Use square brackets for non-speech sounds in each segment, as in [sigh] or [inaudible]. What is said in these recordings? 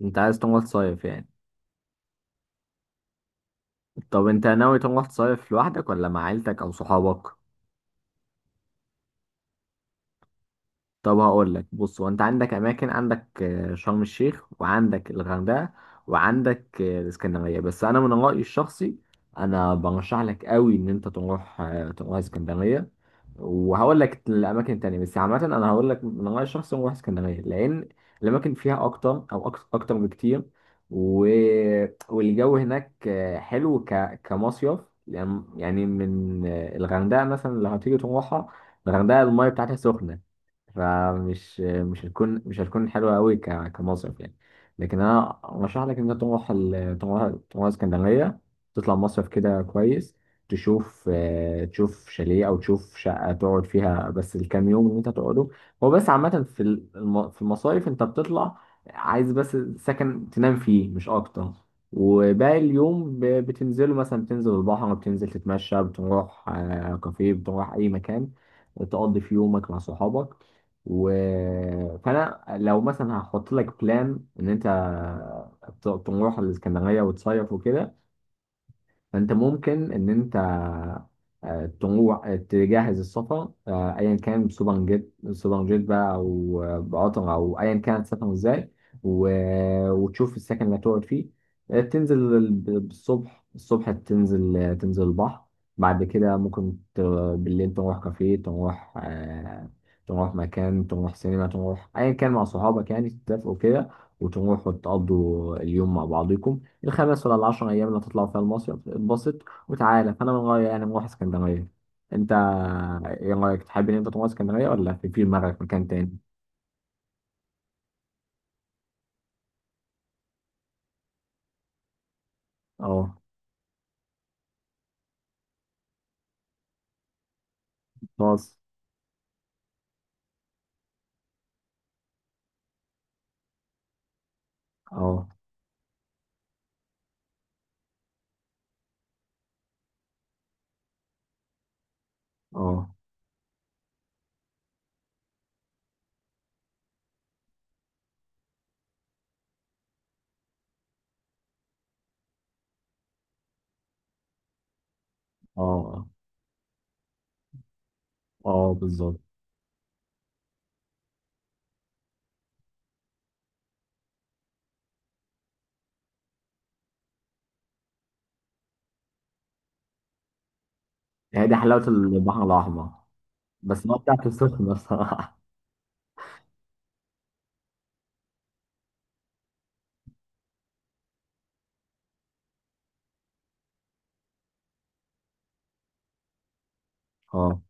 انت عايز تروح تصيف يعني. طب انت ناوي تروح تصيف لوحدك ولا مع عيلتك او صحابك؟ طب هقول لك، بص، هو انت عندك اماكن، عندك شرم الشيخ، وعندك الغردقه، وعندك الاسكندريه. بس انا من رايي الشخصي، انا برشح لك قوي ان انت تروح، اسكندريه. وهقول لك الاماكن التانيه، بس عامه انا هقول لك من رايي الشخصي نروح اسكندريه، لان الاماكن فيها اكتر، او اكتر بكتير. و... والجو هناك حلو كمصيف يعني. يعني من الغردقه مثلا لو هتيجي تروحها، الغردقه المايه بتاعتها سخنه، فمش مش هتكون مش هتكون حلوة قوي كمصيف يعني. لكن انا ارشح لك انك تروح ال- تروح تروح اسكندرية، تطلع مصيف كده كويس، تشوف تشوف شاليه او تشوف شقة تقعد فيها بس الكام يوم اللي انت هتقعده. هو بس عامة في المصايف انت بتطلع عايز بس سكن تنام فيه مش اكتر، وباقي اليوم بتنزله، مثلا بتنزل البحر، بتنزل تتمشى، بتروح كافيه، بتروح اي مكان تقضي في يومك مع صحابك. و... فانا لو مثلا هحط لك بلان ان انت تروح الاسكندريه وتصيف وكده، فانت ممكن ان انت تروح، تجهز السفر، ايا كان، بسوبر جيت سوبر جيت بقى، او بقطر، او ايا كان تسافر ازاي، وتشوف السكن اللي هتقعد فيه. الصبح، الصبح تنزل، تنزل البحر. بعد كده ممكن بالليل تروح كافيه، تروح مكان، تروح سينما، تروح ايا كان مع صحابك يعني، تتفقوا كده وتروحوا تقضوا اليوم مع بعضكم الخمس ولا العشر أيام اللي هتطلع فيها المصيف. اتبسط وتعالى. فأنا من رأيي يعني نروح اسكندرية. أنت إيه رأيك، تحب إن أنت تروح اسكندرية ولا في دماغك مكان تاني؟ أه. خلاص. أه. أه. أه. أه. أه بالظبط. هي دي حلاوة البحر الأحمر، بس ما بتاعت السخنة الصراحة. [laughs] أه.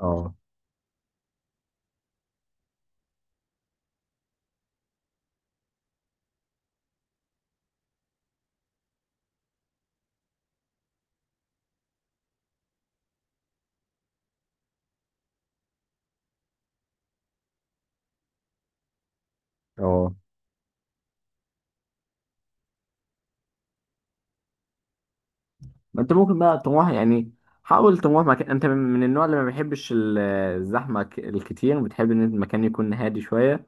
أه. أه. ما أنت ممكن بقى تروح يعني، حاول تروح مكان، أنت من النوع اللي ما بيحبش الزحمة الكتير، بتحب إن المكان يكون هادي شوية.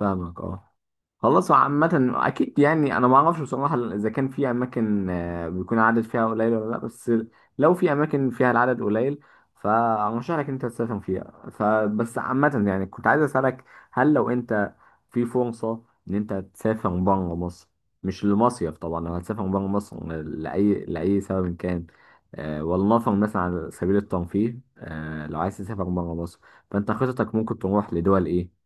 فاهمك اه. خلاص، عامة أكيد يعني، أنا ما أعرفش بصراحة إذا كان في أماكن بيكون العدد فيها قليل ولا لأ، بس لو في أماكن فيها العدد قليل فأرشح لك أنت تسافر فيها. فبس عامة يعني، كنت عايز أسألك، هل لو أنت في فرصة إن أنت تسافر بره مصر، مش لمصيف طبعا، لو هتسافر بره مصر لأي سبب كان، ولنفرض مثلا على سبيل الترفيه، لو عايز تسافر بره مصر، فأنت خطتك ممكن تروح لدول إيه؟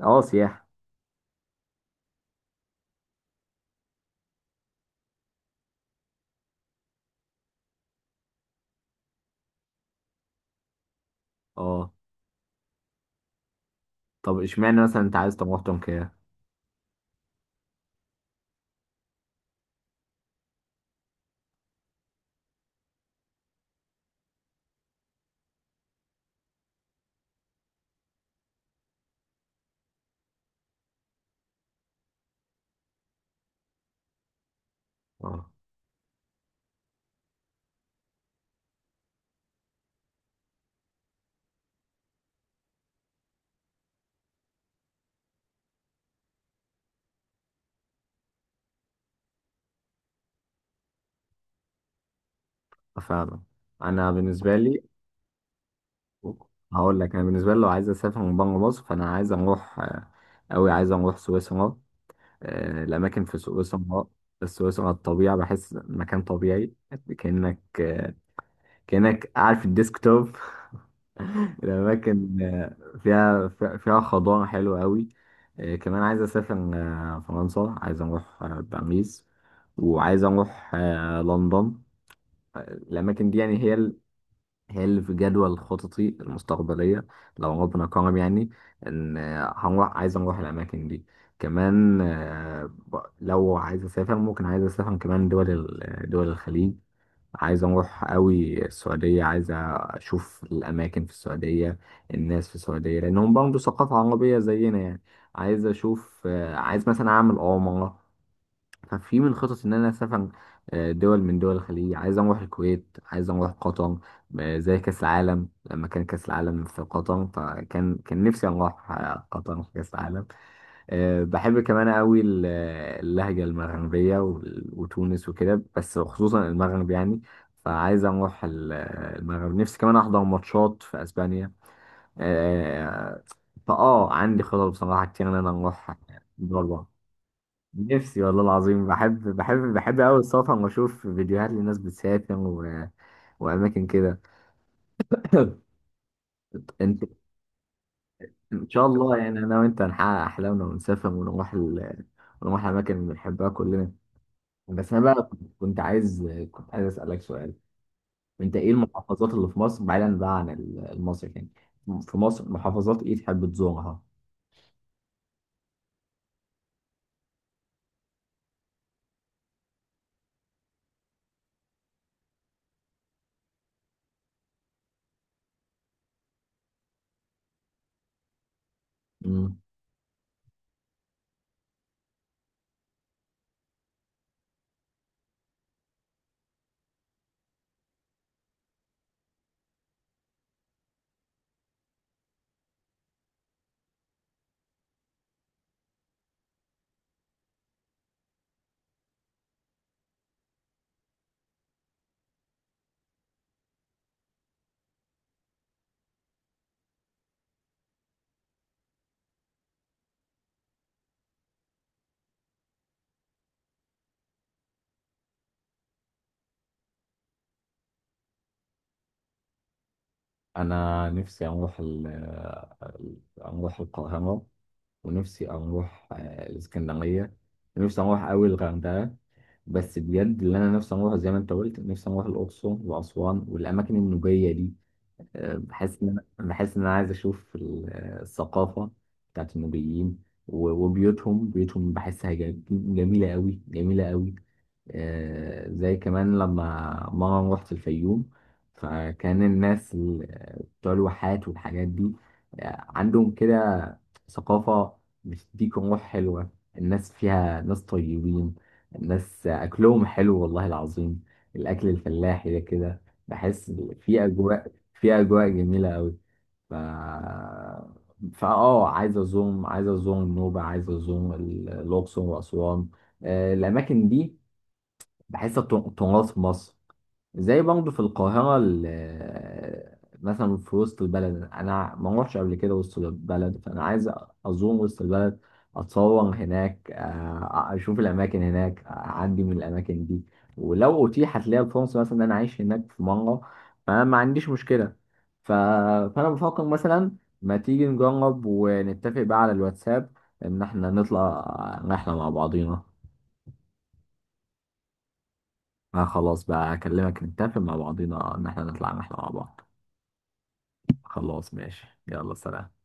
أه سياحة. أه. طب اشمعنى مثلا انت عايز طماطم تركيا؟ اه. فعلا. انا بالنسبه لي، هقول لك انا بالنسبه لي، لو عايز اسافر من بره مصر، فانا عايز اروح قوي، عايز اروح سويسرا. الاماكن في سويسرا، سويسرا الطبيعه، بحس مكان طبيعي كانك كانك قاعد في الديسكتوب. [laughs] الاماكن فيها، فيها خضار حلو قوي. كمان عايز اسافر فرنسا، عايز اروح باريس، وعايز اروح لندن. الأماكن دي يعني هي اللي في جدول خططي المستقبلية، لو ربنا كرم يعني، إن هنروح، عايز أروح الأماكن دي. كمان لو عايز أسافر، ممكن عايز أسافر كمان دول الخليج. عايز أروح أوي السعودية، عايز أشوف الأماكن في السعودية، الناس في السعودية، لأنهم برضه ثقافة عربية زينا يعني. عايز أشوف، عايز مثلا أعمل عمرة. ففي من خطط ان انا اسافر دول من دول الخليج. عايز اروح الكويت، عايز اروح قطر، زي كاس العالم. لما كان كاس العالم في قطر، فكان نفسي اروح قطر في كاس العالم. بحب كمان قوي اللهجه المغربيه وتونس وكده، بس خصوصا المغرب يعني. فعايز اروح المغرب. نفسي كمان احضر ماتشات في اسبانيا. آه، فاه عندي خطط بصراحه كتير ان انا اروح دول بره. نفسي، والله العظيم، بحب أوي السفر، وأشوف فيديوهات لناس بتسافر وأماكن كده. [coughs] [laughs] أنت، إن شاء الله يعني، أنا وأنت هنحقق أحلامنا، ونسافر ونروح الأماكن اللي بنحبها كلنا. بس أنا بقى كنت عايز أسألك سؤال. أنت إيه المحافظات اللي في مصر بعيدا بقى عن المصري يعني، في مصر، محافظات إيه تحب تزورها؟ مم. انا نفسي اروح القاهره، ونفسي اروح الاسكندريه، نفسي اروح قوي الغردقه. بس بجد اللي انا نفسي اروح، زي ما انت قلت، نفسي اروح الاقصر واسوان والاماكن النوبيه دي. بحس ان انا، بحس ان انا عايز اشوف الثقافه بتاعت النوبيين، و- وبيوتهم بيوتهم بحسها جميله قوي، جميله قوي. زي كمان لما مرة رحت الفيوم، فكان الناس بتوع الواحات والحاجات دي، عندهم كده ثقافة بتديك روح حلوة. الناس فيها ناس طيبين، الناس أكلهم حلو والله العظيم، الأكل الفلاحي ده كده، بحس في أجواء، في أجواء جميلة أوي. ف فأه عايز أزوم، عايز أزوم النوبة، عايز الأقصر وأسوان، الأماكن دي. بحس التراث في مصر، زي برضه في القاهرة، مثلا في وسط البلد، أنا ما روحش قبل كده وسط البلد، فأنا عايز أزور وسط البلد، أتصور هناك، أشوف الأماكن هناك، أعدي من الأماكن دي. ولو أتيحت لي الفرصة مثلا إن أنا أعيش هناك في مرة، فأنا ما عنديش مشكلة. ف... فأنا بفكر مثلا، ما تيجي نجرب ونتفق بقى على الواتساب، إن إحنا نطلع رحلة مع بعضينا. ما خلاص بقى، اكلمك، نتفق مع بعضينا ان احنا نطلع رحلة مع بعض. خلاص ماشي، يلا سلام.